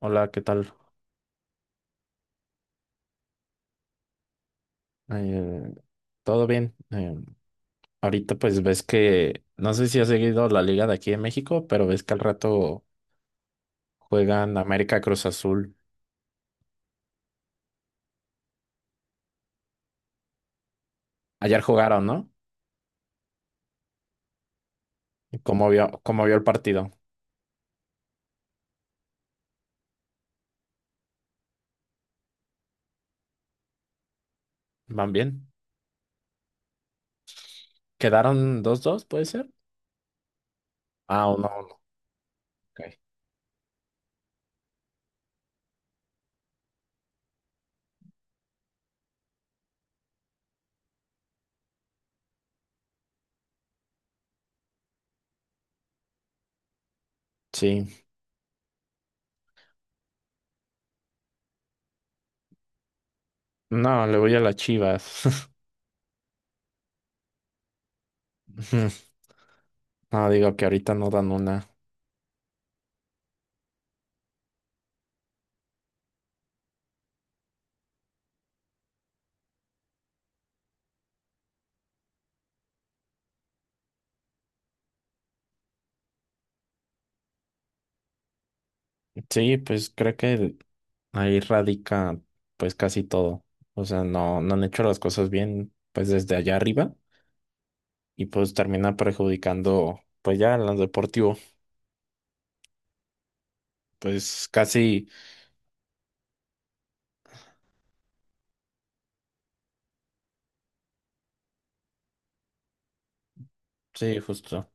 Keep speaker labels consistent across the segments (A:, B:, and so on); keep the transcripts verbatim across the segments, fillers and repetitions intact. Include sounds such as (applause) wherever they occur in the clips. A: Hola, ¿qué tal? Eh, ¿todo bien? Eh, ahorita pues ves que, no sé si has seguido la liga de aquí de México, pero ves que al rato juegan América Cruz Azul. Ayer jugaron, ¿no? ¿Y ¿Cómo vio, cómo vio el partido? ¿Van bien? ¿Quedaron dos dos? ¿Puede ser? Ah, uno, uno. Ok. Sí. No, le voy a las Chivas. (laughs) No, digo que ahorita no dan una. Sí, pues creo que ahí radica pues casi todo. O sea, no, no han hecho las cosas bien pues desde allá arriba y pues termina perjudicando pues ya en lo deportivo. Pues casi, sí, justo.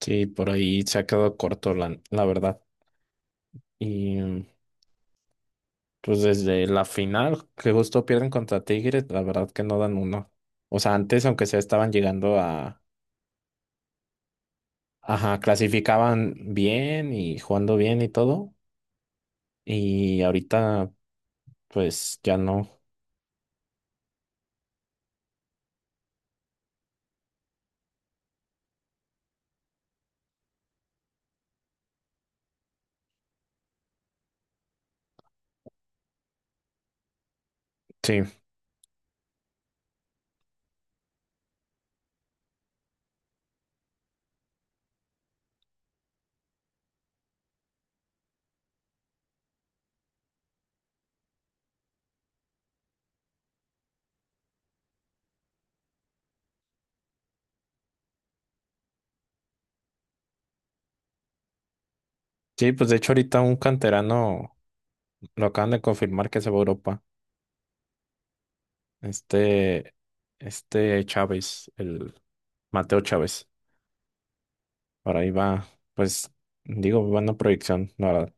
A: Sí, por ahí se ha quedado corto la, la verdad. Y pues desde la final que justo pierden contra Tigres, la verdad que no dan uno. O sea, antes aunque sea estaban llegando a, ajá, clasificaban bien y jugando bien y todo. Y ahorita pues ya no. Sí, sí, pues de hecho ahorita un canterano lo acaban de confirmar que se va a Europa. Este, este Chávez, el Mateo Chávez. Por ahí va, pues, digo, buena proyección, la verdad.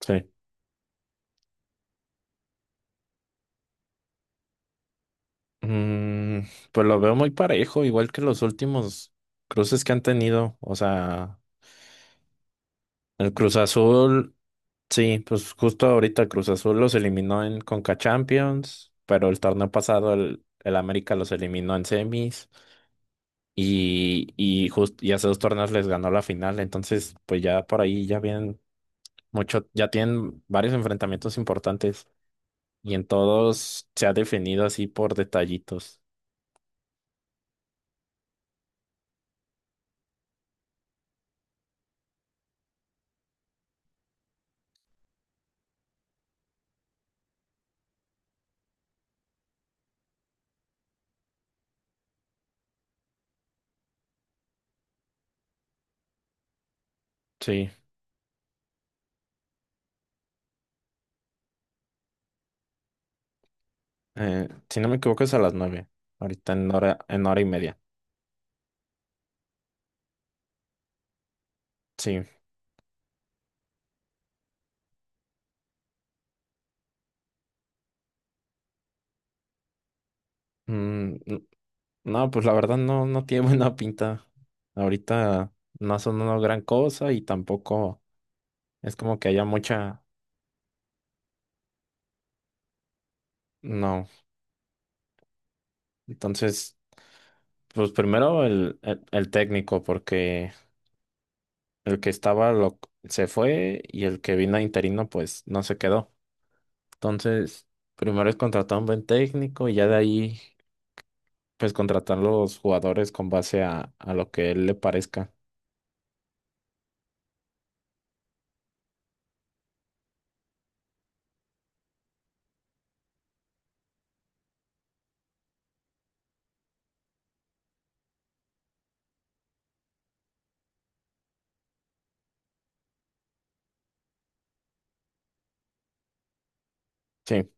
A: Sí. Mm, pues lo veo muy parejo, igual que los últimos cruces que han tenido. O sea, el Cruz Azul, sí, pues justo ahorita el Cruz Azul los eliminó en Conca Champions, pero el torneo pasado el, el América los eliminó en semis. y, y, jus- y hace dos torneos les ganó la final, entonces pues ya por ahí ya vienen mucho, ya tienen varios enfrentamientos importantes y en todos se ha definido así por detallitos. Sí, eh, si no me equivoco es a las nueve, ahorita en hora, en hora y media. Sí, Mm, n- no, pues la verdad no, no tiene (laughs) buena pinta. Ahorita no son una gran cosa y tampoco es como que haya mucha, no. Entonces, pues primero el, el el técnico, porque el que estaba lo, se fue y el que vino interino pues no se quedó. Entonces, primero es contratar un buen técnico y ya de ahí pues contratar los jugadores con base a, a lo que él le parezca. Sí,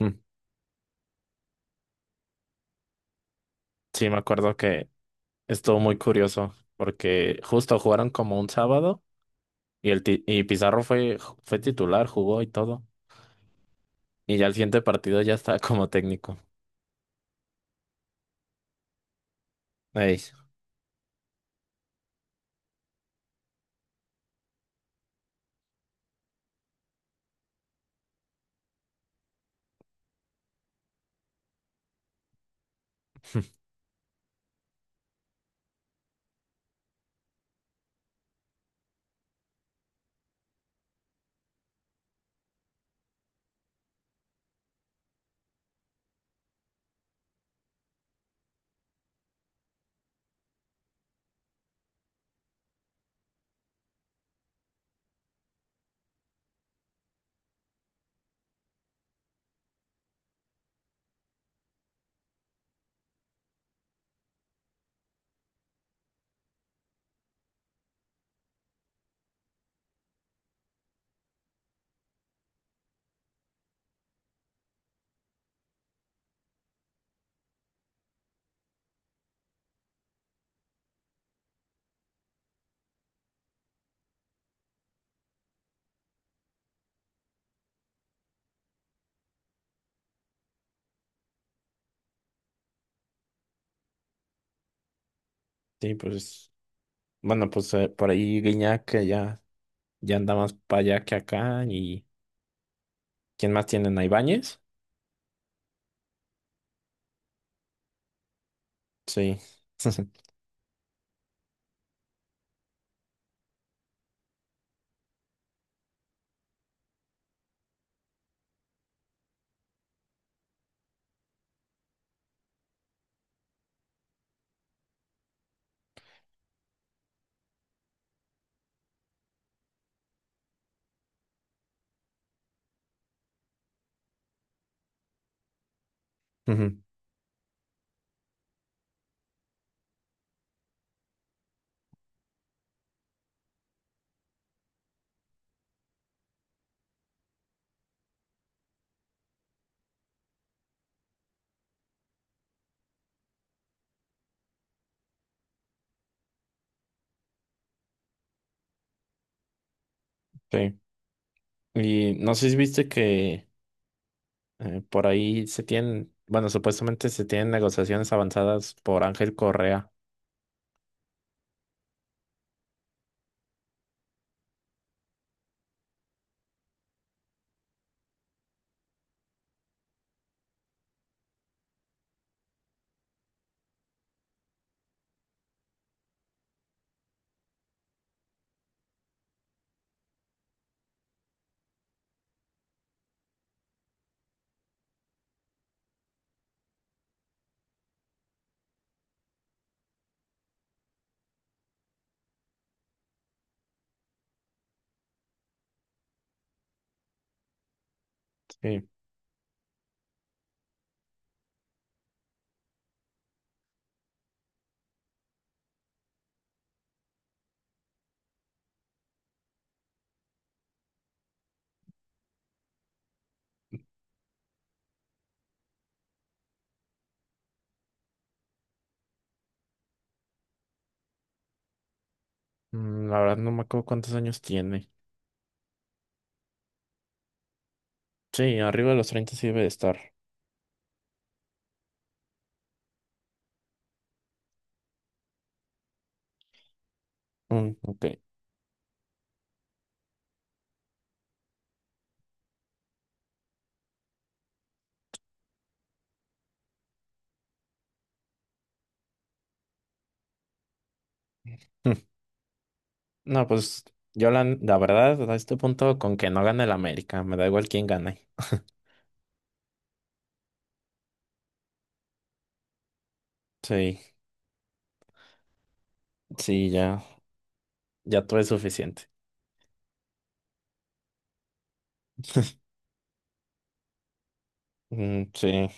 A: mm, sí, me acuerdo que estuvo muy curioso porque justo jugaron como un sábado y, el ti- y Pizarro fue, fue titular, jugó y todo. Y ya el siguiente partido ya estaba (laughs) como técnico. Ey, (laughs) sí, pues bueno, pues eh, por ahí Guiñac que ya. Ya anda más para allá que acá. ¿Y quién más tienen? ¿A Ibáñez? Sí. (laughs) Ujú, sí. Y no sé si viste que eh, por ahí se tienen, bueno, supuestamente se tienen negociaciones avanzadas por Ángel Correa. Sí. Mm, la verdad no me acuerdo cuántos años tiene. Sí, arriba de los treinta sí debe de estar. Mm, ok. (laughs) Mm. No, pues yo la, la verdad a este punto con que no gane el América, me da igual quién gane. (laughs) Sí, sí, ya, ya todo es suficiente. Mm, sí.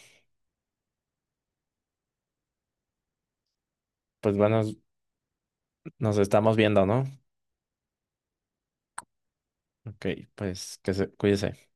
A: Pues bueno, nos estamos viendo, ¿no? Ok, pues que se cuídese.